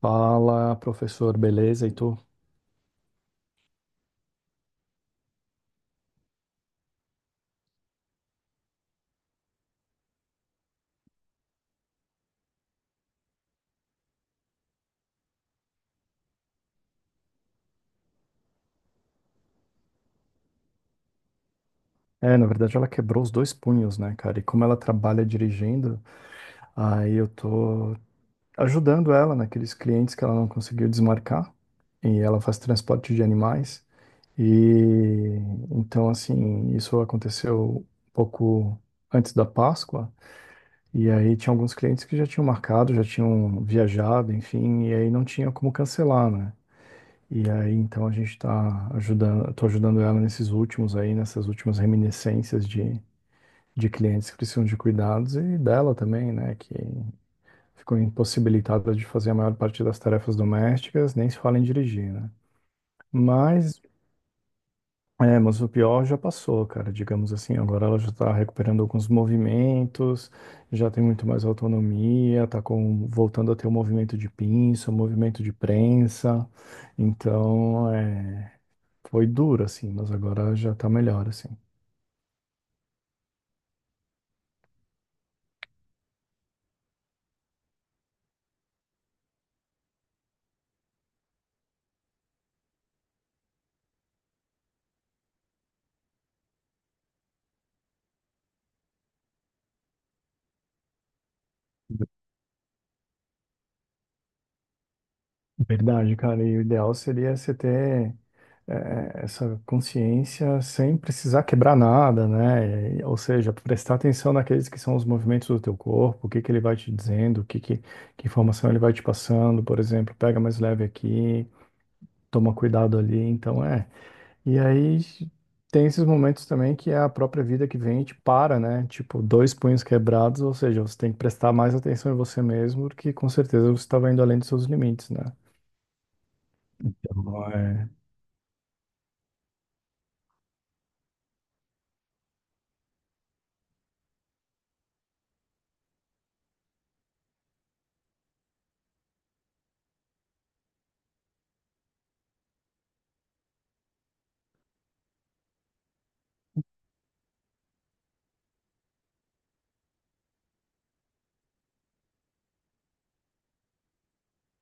Fala, professor, beleza? E tu? É, na verdade ela quebrou os dois punhos, né, cara? E como ela trabalha dirigindo, aí eu tô ajudando ela naqueles clientes que ela não conseguiu desmarcar. E ela faz transporte de animais. E então, assim, isso aconteceu um pouco antes da Páscoa. E aí tinha alguns clientes que já tinham marcado, já tinham viajado, enfim, e aí não tinha como cancelar, né? E aí, então, a gente está ajudando, tô ajudando ela nesses últimos aí, nessas últimas reminiscências de clientes que precisam de cuidados e dela também, né, que ficou impossibilitada de fazer a maior parte das tarefas domésticas, nem se fala em dirigir, né? Mas, é, mas o pior já passou, cara, digamos assim, agora ela já está recuperando alguns movimentos, já tem muito mais autonomia, tá com, voltando a ter o movimento de pinça, o movimento de prensa, então, é. Foi duro, assim, mas agora já tá melhor, assim. Verdade, cara. E o ideal seria você ter essa consciência sem precisar quebrar nada, né? E- Ou seja, prestar atenção naqueles que são os movimentos do teu corpo, o que que ele vai te dizendo, o que que informação ele vai te passando, por exemplo, pega mais leve aqui, toma cuidado ali. Então, é. E aí tem esses momentos também que é a própria vida que vem e te para, né? Tipo, dois punhos quebrados, ou seja, você tem que prestar mais atenção em você mesmo, porque com certeza você estava indo além dos seus limites, né? Então, é...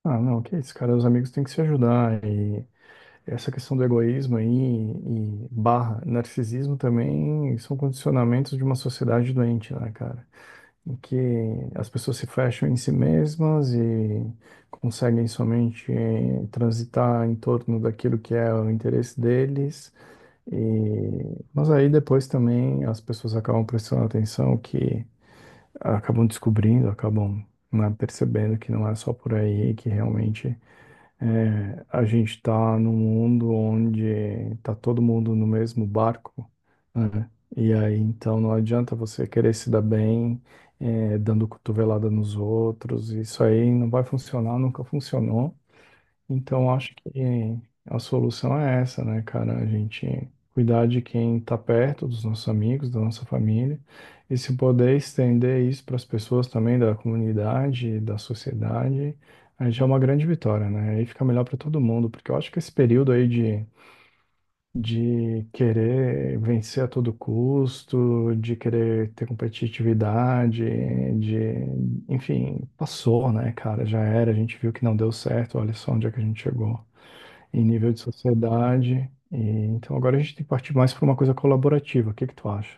Ah, não, que isso, cara, os amigos têm que se ajudar. E essa questão do egoísmo aí e barra narcisismo também são condicionamentos de uma sociedade doente, né, cara? Em que as pessoas se fecham em si mesmas e conseguem somente transitar em torno daquilo que é o interesse deles. E... Mas aí depois também as pessoas acabam prestando atenção que acabam descobrindo, acabam, né, percebendo que não é só por aí, que realmente é, a gente está num mundo onde está todo mundo no mesmo barco, né? E aí então não adianta você querer se dar bem, é, dando cotovelada nos outros. Isso aí não vai funcionar, nunca funcionou. Então, acho que a solução é essa, né, cara? A gente cuidar de quem tá perto, dos nossos amigos, da nossa família, e se poder estender isso para as pessoas também da comunidade, da sociedade, aí já é uma grande vitória, né? Aí fica melhor para todo mundo, porque eu acho que esse período aí de querer vencer a todo custo, de querer ter competitividade, de, enfim, passou, né, cara? Já era, a gente viu que não deu certo, olha só onde é que a gente chegou em nível de sociedade. E, então agora a gente tem que partir mais para uma coisa colaborativa. O que que tu acha?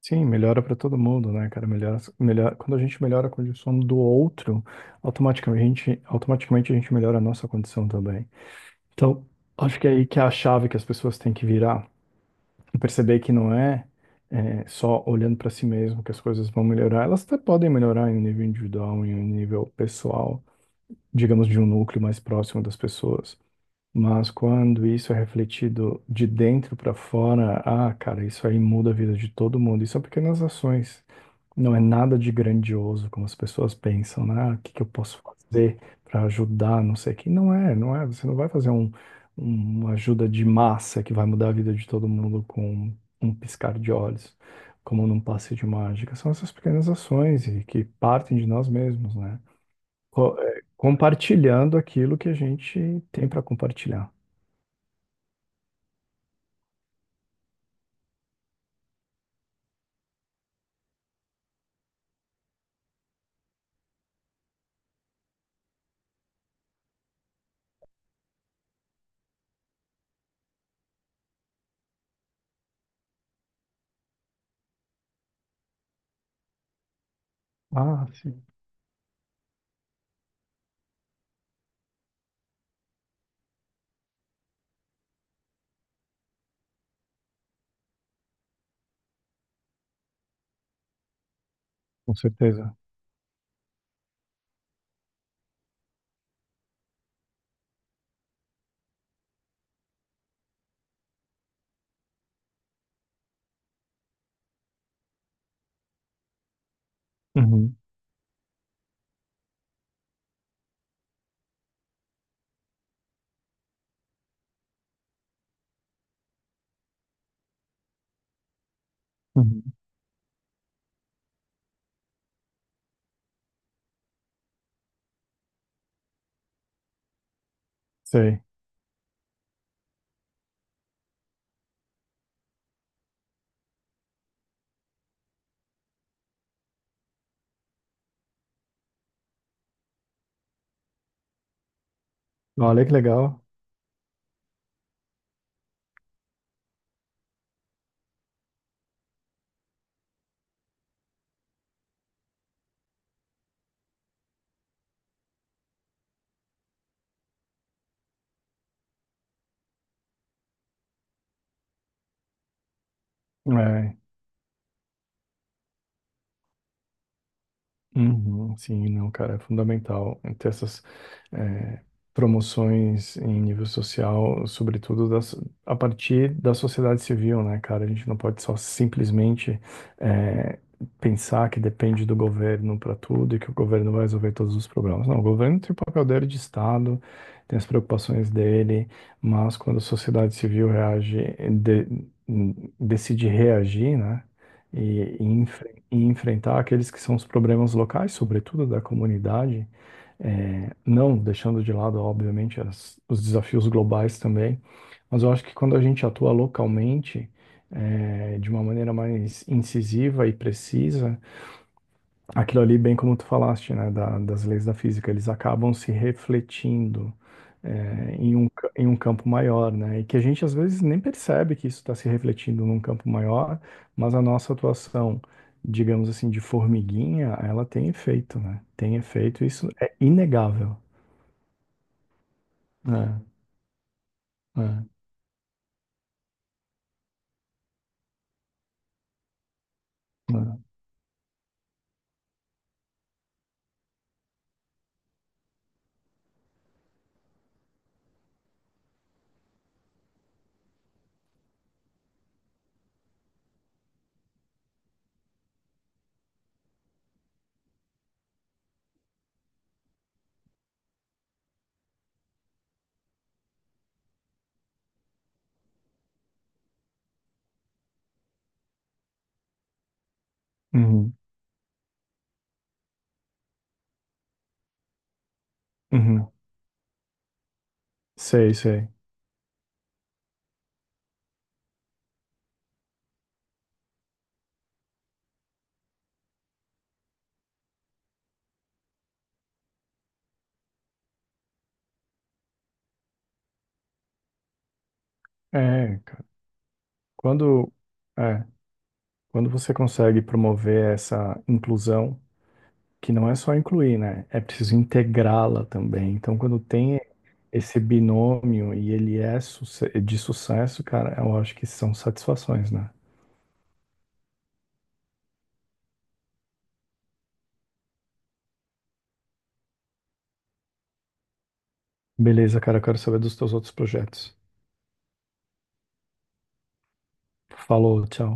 Sim, melhora para todo mundo, né, cara? Melhora, melhor, quando a gente melhora a condição do outro, automaticamente a gente melhora a nossa condição também. Então, acho que é aí que é a chave que as pessoas têm que virar e perceber que não é, é, só olhando para si mesmo que as coisas vão melhorar. Elas até podem melhorar em um nível individual, em um nível pessoal, digamos, de um núcleo mais próximo das pessoas. Mas quando isso é refletido de dentro para fora, ah, cara, isso aí muda a vida de todo mundo. E são pequenas ações. Não é nada de grandioso, como as pessoas pensam, né? Ah, o que que eu posso fazer para ajudar, não sei o quê. Não é, não é. Você não vai fazer um, uma ajuda de massa que vai mudar a vida de todo mundo com um piscar de olhos, como num passe de mágica. São essas pequenas ações e que partem de nós mesmos, né? Compartilhando aquilo que a gente tem para compartilhar. Ah, sim, com certeza. Uhum, uhum, sei. Olha que legal. É. Uhum, sim, não, cara, é fundamental ter essas eh, promoções em nível social, sobretudo das, a partir da sociedade civil, né, cara? A gente não pode só simplesmente eh, pensar que depende do governo para tudo e que o governo vai resolver todos os problemas. Não, o governo tem o papel dele de Estado, tem as preocupações dele, mas quando a sociedade civil reage, de- decide reagir, né? E, e e enfrentar aqueles que são os problemas locais, sobretudo da comunidade, não deixando de lado, obviamente, as- os desafios globais também, mas eu acho que quando a gente atua localmente, de uma maneira mais incisiva e precisa, aquilo ali, bem como tu falaste, né, da- das leis da física, eles acabam se refletindo é, em um, ca- em um campo maior, né, e que a gente às vezes nem percebe que isso está se refletindo num campo maior, mas a nossa atuação, digamos assim, de formiguinha, ela tem efeito, né, tem efeito, isso é inegável, né, né, né. Uhum, uhum. Sei, sei. É, cara, quando, é, quando você consegue promover essa inclusão, que não é só incluir, né? É preciso integrá-la também. Então, quando tem esse binômio e ele é suce- de sucesso, cara, eu acho que são satisfações, né? Beleza, cara, eu quero saber dos teus outros projetos. Falou, tchau.